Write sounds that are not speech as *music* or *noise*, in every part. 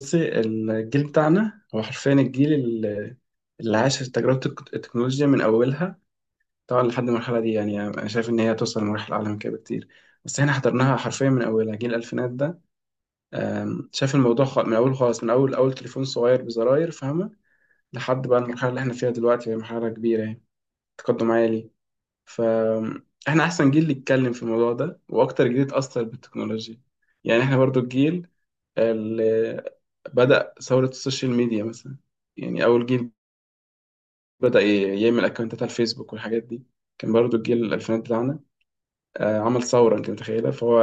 بصي، الجيل بتاعنا هو حرفيا الجيل اللي عاش تجربة التكنولوجيا من أولها. طبعا لحد المرحلة دي، يعني أنا شايف إن هي توصل لمراحل أعلى من كده بكتير. بس إحنا حضرناها حرفيا من أولها، جيل الألفينات ده. شايف الموضوع من أول خالص، من أول أول تليفون صغير بزراير، فاهمة. لحد بقى المرحلة اللي إحنا فيها دلوقتي، هي مرحلة كبيرة يعني، تقدم عالي. فإحنا أحسن جيل يتكلم في الموضوع ده، وأكتر جيل اتأثر بالتكنولوجيا. يعني إحنا برضو الجيل بدأ ثورة السوشيال ميديا مثلا، يعني أول جيل بدأ يعمل أكونتات على الفيسبوك والحاجات دي، كان برضو الجيل الألفينات بتاعنا. عمل ثورة، أنت متخيلة. فهو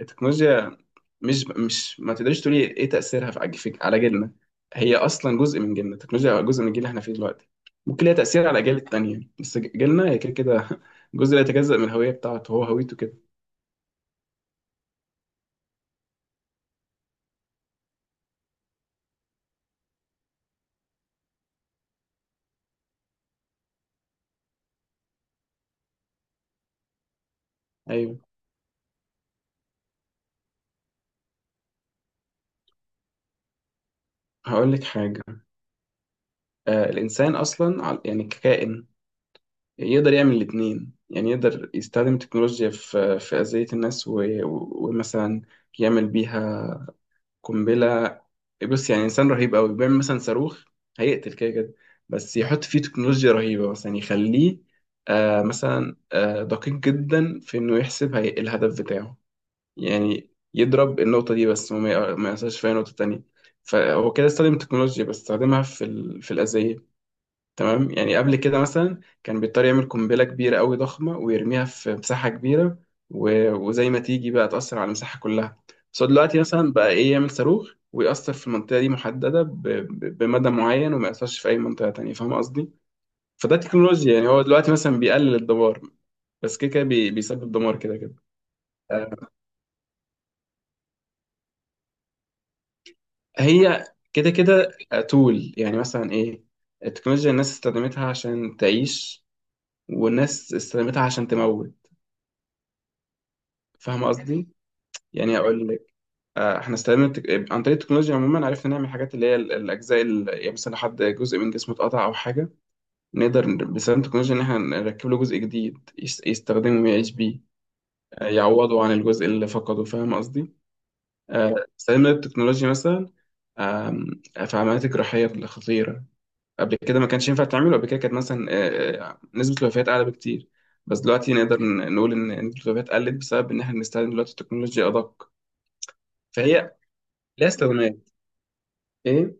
التكنولوجيا، مش ما تقدرش تقولي إيه إيه تأثيرها على جيلنا. هي أصلا جزء من جيلنا، التكنولوجيا جزء من الجيل اللي إحنا فيه دلوقتي. ممكن ليها تأثير على الأجيال التانية، بس جيلنا هي كده كده *laughs* جزء لا يتجزأ من الهوية بتاعته، هو هويته كده. أيوه. هقول لك حاجة. الإنسان أصلا يعني ككائن، يعني يقدر يعمل الاتنين. يعني يقدر يستخدم التكنولوجيا في أذية الناس، ومثلا يعمل بيها قنبلة. بص، يعني إنسان رهيب أوي بيعمل مثلا صاروخ، هيقتل كده كده، بس يحط فيه تكنولوجيا رهيبة، مثلا يعني يخليه، مثلا دقيق جدا في إنه يحسب هي الهدف بتاعه، يعني يضرب النقطة دي بس، وما ما يأثرش في أي نقطة تانية. فهو كده استخدم التكنولوجيا، بس استخدمها في الأذية. تمام، يعني قبل كده مثلا كان بيضطر يعمل قنبلة كبيرة قوي ضخمة، ويرميها في مساحة كبيرة، وزي ما تيجي بقى، تأثر على المساحة كلها. بس هو دلوقتي مثلا بقى إيه، يعمل صاروخ ويأثر في المنطقة دي محددة بمدى معين، وما يأثرش في أي منطقة تانية، فاهم قصدي؟ فده تكنولوجيا يعني، هو دلوقتي مثلا بيقلل الدمار، بس كده كده بيسبب دمار كده كده. آه، هي كده كده. تول يعني مثلا ايه، التكنولوجيا الناس استخدمتها عشان تعيش، والناس استخدمتها عشان تموت، فاهم قصدي؟ يعني اقول لك، احنا عن طريق التكنولوجيا عموما عرفنا نعمل حاجات، اللي هي الاجزاء اللي يعني مثلا حد جزء من جسمه اتقطع او حاجه، نقدر باستخدام التكنولوجيا ان احنا نركب له جزء جديد يستخدمه ويعيش بيه. يعوضه عن الجزء اللي فقده، فاهم قصدي. استخدمنا التكنولوجيا مثلا، آم، في عمليات الجراحيه الخطيره، قبل كده ما كانش ينفع تعمله. قبل كده كانت مثلا، نسبه الوفيات اعلى بكتير. بس دلوقتي نقدر نقول ان نسبه الوفيات قلت، بسبب ان احنا بنستخدم دلوقتي التكنولوجيا ادق. فهي لها استخدامات. ايه،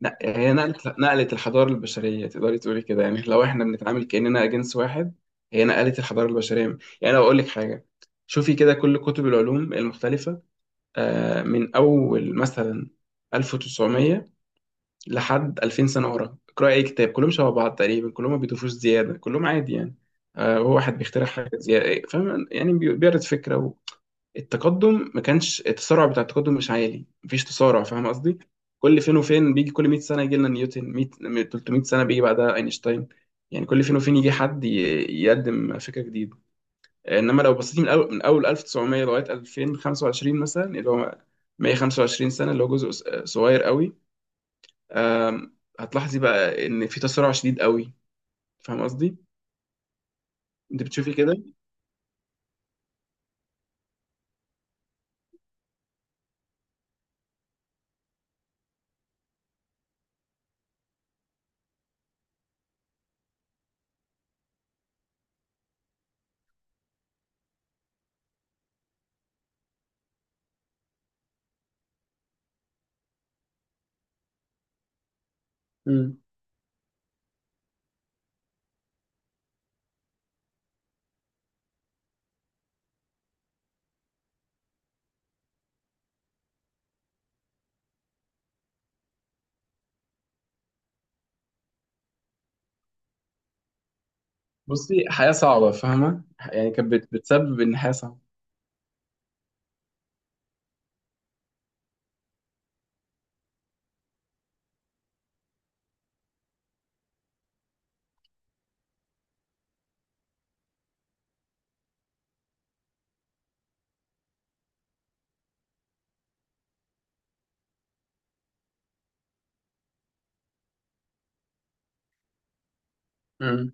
لا، هي نقلت نقلت الحضارة البشرية، تقدري تقولي كده، يعني لو احنا بنتعامل كأننا جنس واحد. هي نقلت الحضارة البشرية. يعني لو أقول لك حاجة، شوفي كده كل كتب العلوم المختلفة، من أول مثلا 1900 لحد 2000 سنة ورا، اقرأي أي كتاب، كلهم شبه بعض تقريبا، كلهم ما بيضيفوش زيادة، كلهم عادي يعني. هو واحد بيخترع حاجة زيادة، فاهم، يعني بيعرض فكرة. التقدم ما كانش، التسارع بتاع التقدم مش عالي، مفيش تسارع، فاهم قصدي. كل فين وفين بيجي، كل 100 سنه يجي لنا نيوتن، 100 300 سنه بيجي بعدها اينشتاين. يعني كل فين وفين يجي حد يقدم فكره جديده. انما لو بصيت من اول، 1900 لغايه 2025 مثلا، اللي هو 125 سنه، اللي هو جزء صغير قوي. آم، هتلاحظي بقى ان في تسارع شديد قوي، فاهم قصدي. انت بتشوفي كده. مم. بصي، حياه صعبه فاهمه، يعني كانت بتسبب ان حياه صعبه.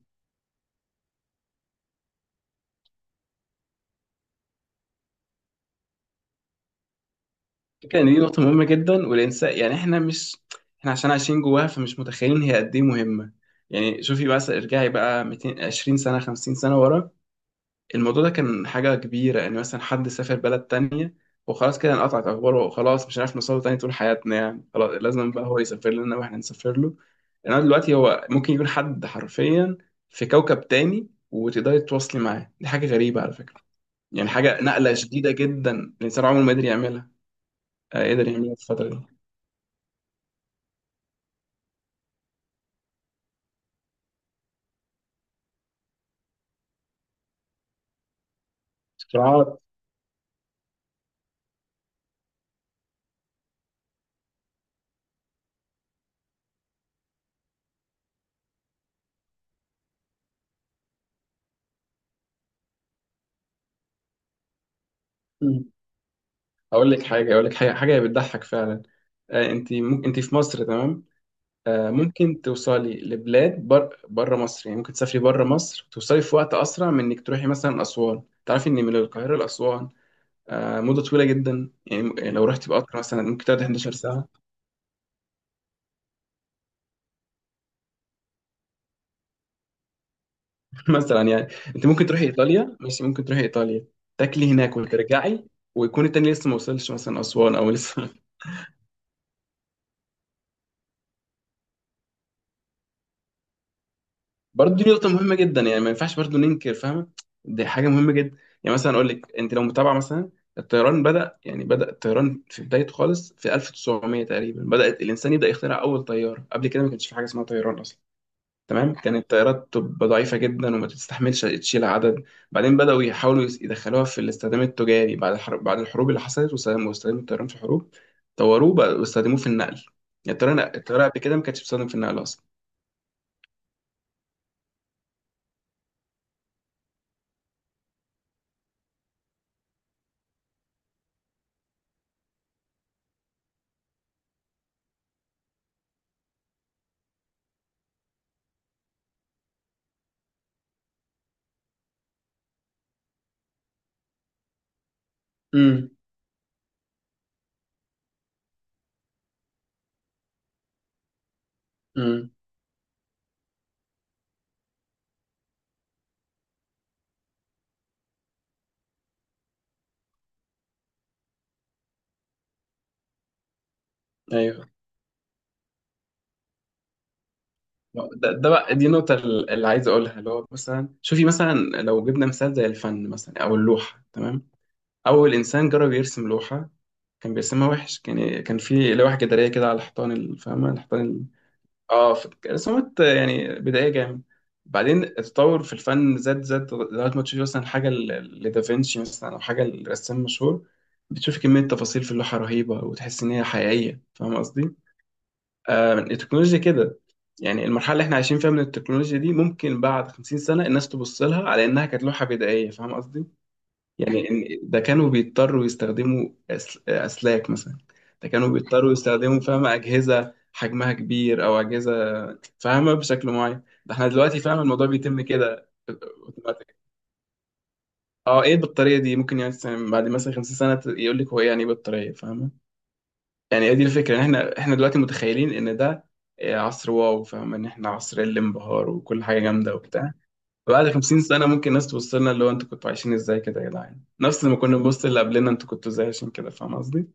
فكرة ان دي نقطة مهمة جدا، والانسان يعني احنا مش، احنا عشان عايشين جواها فمش متخيلين هي قد ايه مهمة. يعني شوفي، بس ارجعي بقى 200 20 سنة، 50 سنة ورا. الموضوع ده كان حاجة كبيرة، ان مثلا حد سافر بلد تانية وخلاص، كده انقطعت اخباره وخلاص، مش هنعرف نوصله تاني طول حياتنا، يعني خلاص لازم بقى هو يسافر لنا واحنا نسافر له. انما دلوقتي هو ممكن يكون حد حرفيا في كوكب تاني، وتقدري تتواصلي معاه، دي حاجة غريبة على فكرة. يعني حاجة نقلة شديدة جدا، الانسان عمره ما قدر يعملها. قدر يعملها في الفترة دي. اختراعات. مم. اقول لك حاجه، حاجه بتضحك فعلا. انت ممكن انت في مصر، تمام. ممكن توصلي لبلاد بره مصر، يعني ممكن تسافري بره مصر، توصلي في وقت اسرع من انك تروحي مثلا اسوان. تعرفي ان من القاهره لاسوان مده طويله جدا، يعني يعني لو رحتي بقطر مثلا ممكن تقعدي 11 ساعه. *laughs* مثلا يعني، انت ممكن تروحي ايطاليا، ماشي، ممكن تروحي ايطاليا تاكلي هناك وترجعي، ويكون التاني لسه ما وصلش مثلا اسوان، او لسه. برضه دي نقطة مهمة جدا، يعني ما ينفعش برضه ننكر، فاهمة، دي حاجة مهمة جدا. يعني مثلا أقول لك، أنت لو متابعة مثلا الطيران، بدأ يعني، بدأ الطيران في بدايته خالص في 1900 تقريبا، بدأت الإنسان يبدأ يخترع أول طيارة. قبل كده ما كانش في حاجة اسمها طيران أصلا. تمام. كانت الطيارات تبقى ضعيفة جدا وما تستحملش تشيل عدد. بعدين بدأوا يحاولوا يدخلوها في الاستخدام التجاري، بعد الحرب، بعد الحروب اللي حصلت، واستخدموا الطيران في الحروب، طوروه بقى واستخدموه في النقل. يعني الطيران، الطيارة قبل كده ما كانتش بتستخدم في النقل أصلا. امم. امم. ايوه، ده بقى دي النقطة اللي عايز أقولها. اللي هو مثلا شوفي، مثلا لو جبنا مثال زي الفن مثلا، أو اللوحة، تمام. أول إنسان جرب يرسم لوحة، كان بيرسمها وحش، كان في لوحة جدارية كده على حيطان فاهمة الحيطان اه رسومات يعني بدائية جامد. بعدين التطور في الفن زاد زاد لغاية ما تشوفي مثلا حاجة لدافنشي مثلا، أو حاجة لرسام مشهور، بتشوفي كمية تفاصيل في اللوحة رهيبة، وتحس إن هي حقيقية، فاهمة قصدي؟ التكنولوجيا كده. يعني المرحله اللي احنا عايشين فيها من التكنولوجيا دي، ممكن بعد 50 سنه الناس تبص لها على انها كانت لوحه بدائيه، فاهم قصدي. يعني إن ده كانوا بيضطروا يستخدموا اسلاك مثلا، ده كانوا بيضطروا يستخدموا، فاهمه، اجهزه حجمها كبير او اجهزه فاهمه بشكل معين، ده احنا دلوقتي، فاهم، الموضوع بيتم كده اوتوماتيك. اه ايه البطاريه دي، ممكن يعني مثلاً بعد مثلا 50 سنه يقول لك هو ايه، يعني ايه بطاريه، فاهمه. يعني هي دي الفكرة، ان احنا دلوقتي متخيلين ان ده عصر واو، فاهم، ان احنا عصر الانبهار، وكل حاجة جامدة وبتاع. بعد 50 سنة ممكن الناس تبص لنا، اللي هو انتوا كنتوا عايشين ازاي كده يا جدعان، نفس ما كنا بنبص اللي قبلنا انتوا كنتوا ازاي، عشان كده، فاهم قصدي.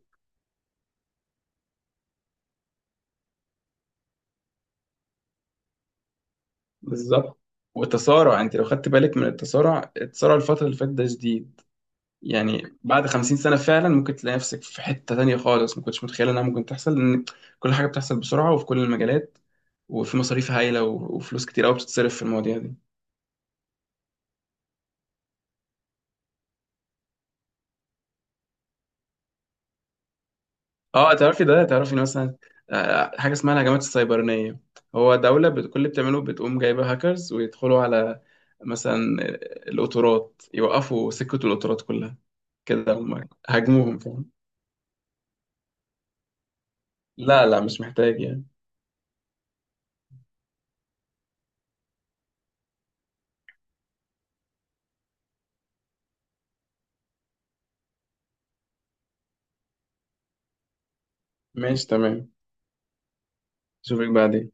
بالظبط. والتسارع، انت لو خدت بالك من التسارع الفترة اللي فاتت ده شديد. يعني بعد 50 سنة فعلا ممكن تلاقي نفسك في حتة تانية خالص، ما كنتش متخيل انها ممكن تحصل، لان كل حاجة بتحصل بسرعة، وفي كل المجالات، وفي مصاريف هايلة، وفلوس كتير قوي بتتصرف في المواضيع دي. اه تعرفي ده، تعرفي إن مثلا، حاجه اسمها الهجمات السيبرانيه، هو دوله كل اللي بتعمله بتقوم جايبه هاكرز، ويدخلوا على مثلا القطارات، يوقفوا سكه القطارات كلها، كده، هم هاجموهم فاهم. لا، لا، مش محتاج يعني. ماشي تمام. اشوفك بعدين.